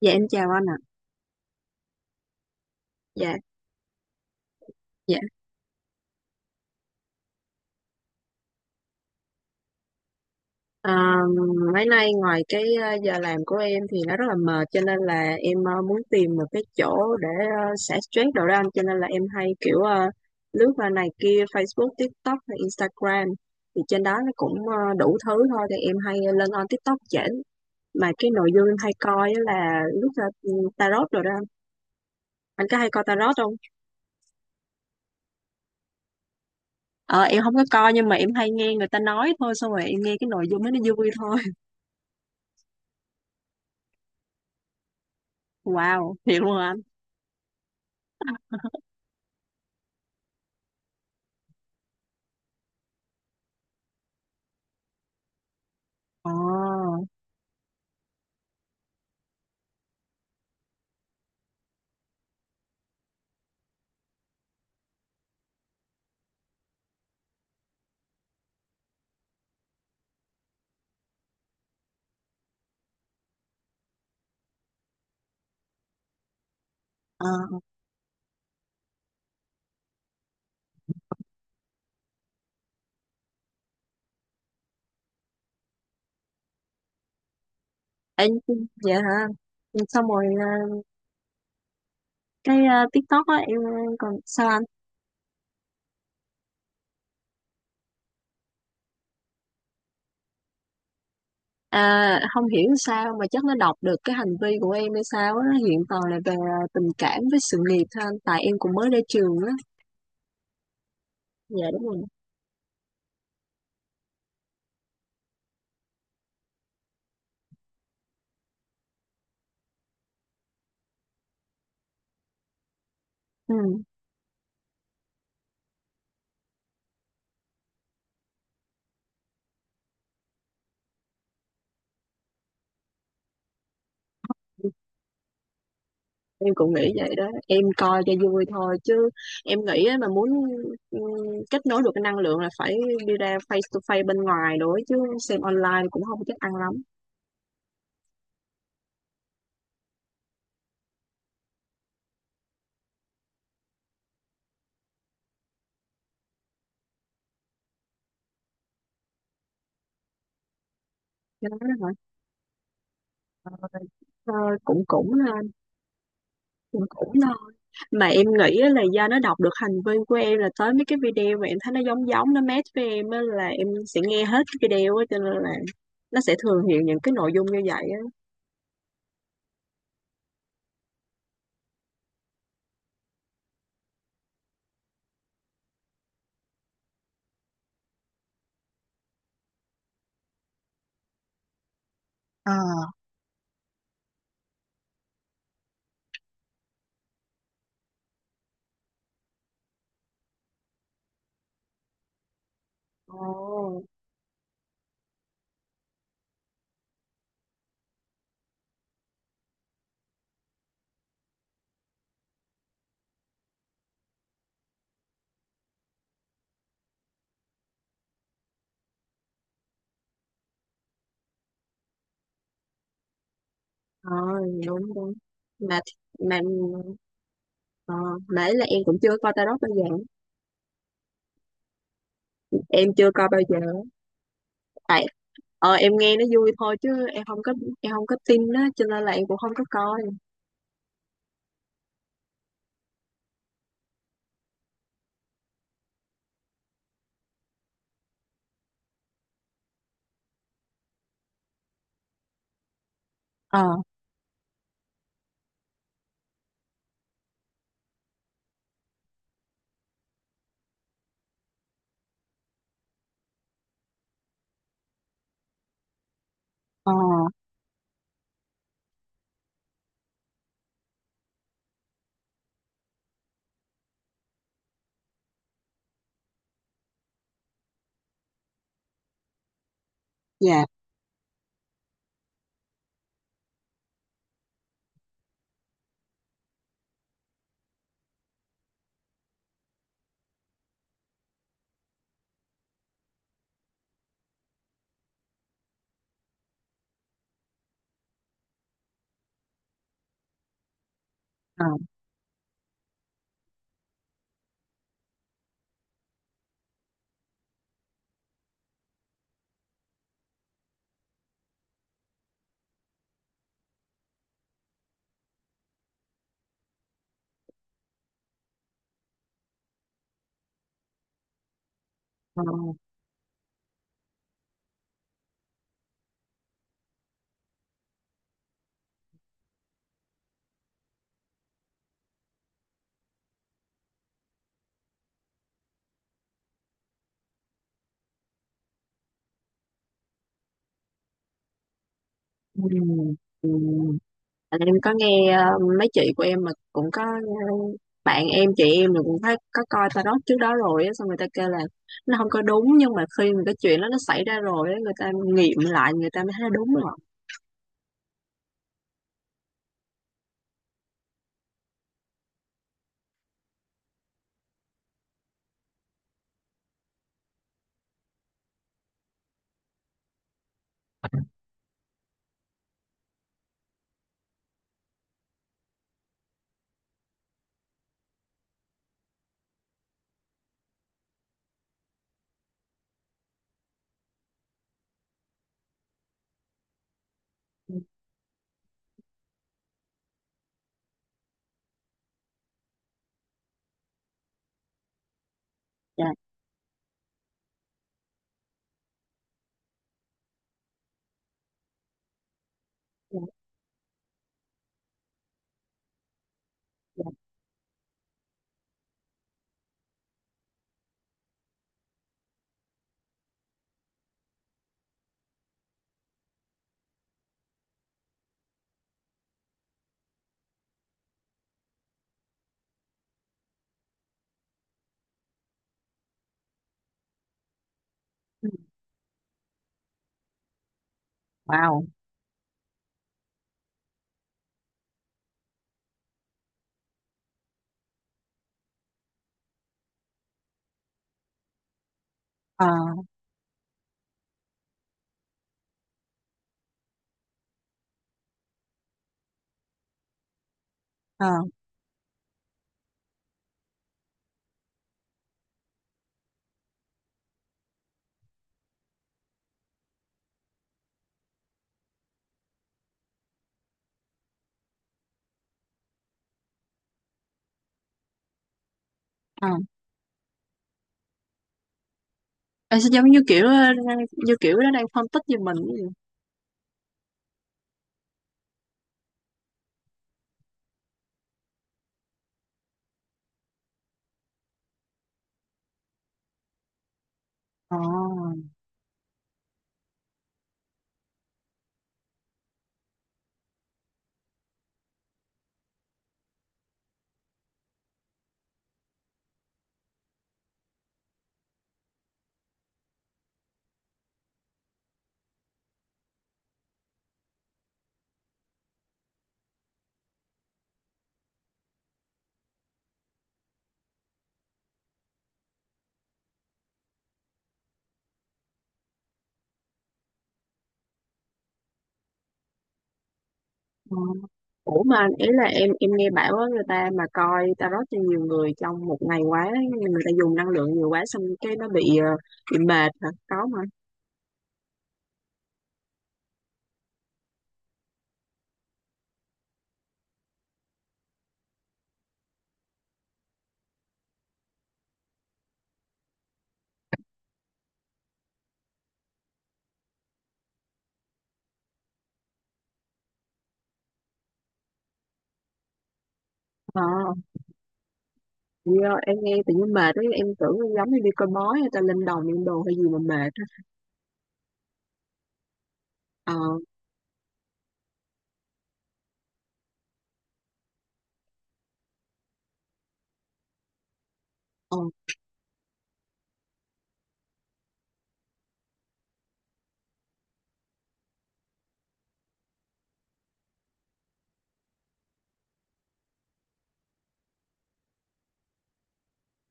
Dạ em chào anh ạ. Dạ, dạ. À, Mấy nay ngoài cái giờ làm của em thì nó rất là mệt cho nên là em muốn tìm một cái chỗ để xả stress đồ đó anh, cho nên là em hay kiểu lướt qua này kia Facebook, TikTok hay Instagram, thì trên đó nó cũng đủ thứ thôi, thì em hay lên on TikTok chỉnh, mà cái nội dung em hay coi á là lướt ra tarot rồi đó anh. Anh có hay coi tarot không? Ờ, em không có coi nhưng mà em hay nghe người ta nói thôi, xong rồi em nghe cái nội dung đó nó vui thôi. Wow, thiệt luôn hả anh? Ờ, ờ, Ê, dạ hả? Xong rồi cái TikTok á em còn sao anh? À, không hiểu sao mà chắc nó đọc được cái hành vi của em hay sao á, nó hiện toàn là về tình cảm với sự nghiệp thôi anh, tại em cũng mới ra trường á. Dạ đúng rồi. Ừ, em cũng nghĩ vậy đó, em coi cho vui thôi chứ em nghĩ á, mà muốn ừ, kết nối được cái năng lượng là phải đi ra face to face bên ngoài, nữa chứ xem online cũng không chắc ăn lắm. Cho nên đó hả? Ờ, ờ, cũng cũng non, mà em nghĩ á là do nó đọc được hành vi của em, là tới mấy cái video mà em thấy nó giống giống nó match với em á là em sẽ nghe hết cái video á, cho nên là nó sẽ thường hiện những cái nội dung như vậy á. Ờ, Ồ, oh, đúng đúng. Mà mà ờ, mà ấy là em cũng chưa coi tarot bao giờ, em chưa coi bao giờ. Tại em nghe nó vui thôi chứ em không có, em không có tin á, cho nên là em cũng không có coi. Ờ, ờ, dạ, ờ. ờ ừ, ừ. Tại em có nghe mấy chị của em mà cũng có bạn em chị em là cũng thấy có coi tarot trước đó rồi á, xong người ta kêu là nó không có đúng, nhưng mà khi mà cái chuyện đó nó xảy ra rồi á, người ta nghiệm lại người ta mới thấy đúng rồi. Dạ. Dạ. Wow. Ờ, ờ, ờ. Em sẽ giống như kiểu như kiểu nó đang phân tích về mình ấy. Ờ. Ủa mà ý là em nghe bảo á người ta mà coi tarot cho nhiều người trong một ngày quá, người ta dùng năng lượng nhiều quá, xong cái nó bị bị mệt hả có mà. Ờ. Do em nghe tự nhiên mệt ấy, em tưởng em giống như đi coi bói hay ta lên đồng lên đồ hay gì mà mệt á. Ờ, ờ.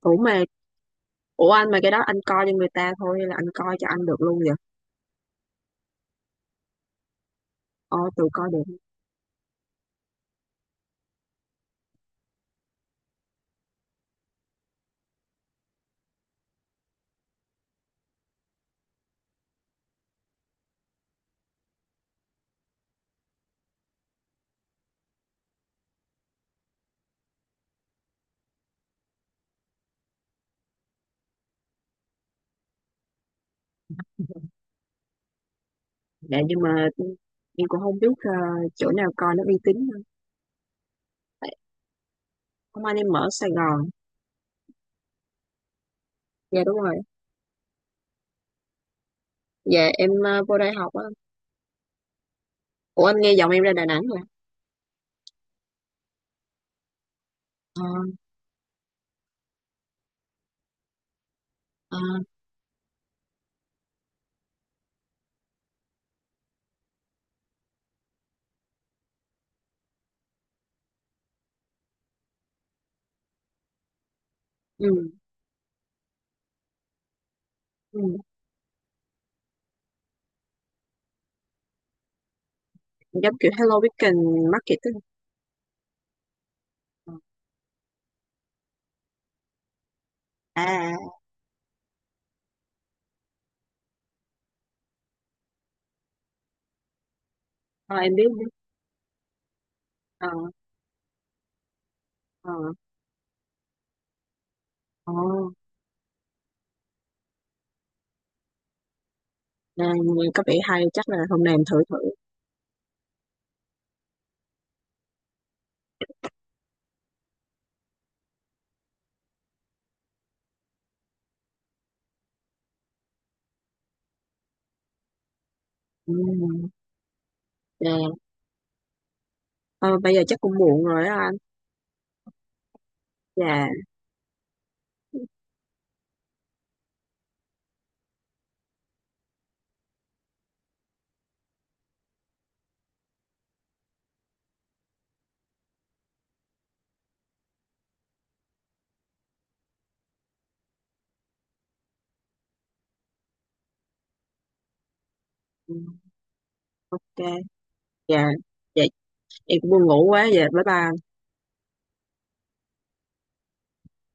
Ủa mà, ủa anh mà cái đó anh coi cho người ta thôi hay là anh coi cho anh được luôn vậy? Ờ, tự coi được. Dạ nhưng mà em cũng không biết chỗ nào coi nó uy tín hơn. Tại Hôm anh em ở Sài Gòn. Dạ đúng rồi. Dạ em vô đây học á. Ủa anh nghe giọng em ra Đà Nẵng rồi. Ờ, ờ, ừ, ừ. Giống kiểu Hello Weekend Market á. Ờ, À, à, à. Ờ, em biết. Em biết. Ờ, ờ, ờ. À, nghe có vẻ hay, chắc là hôm nay em thử thử. Ừ. Dạ. Ờ, bây giờ chắc cũng muộn rồi đó anh. Dạ ừ, ok. Dạ. Dạ em cũng buồn ngủ quá, dạ bye bye.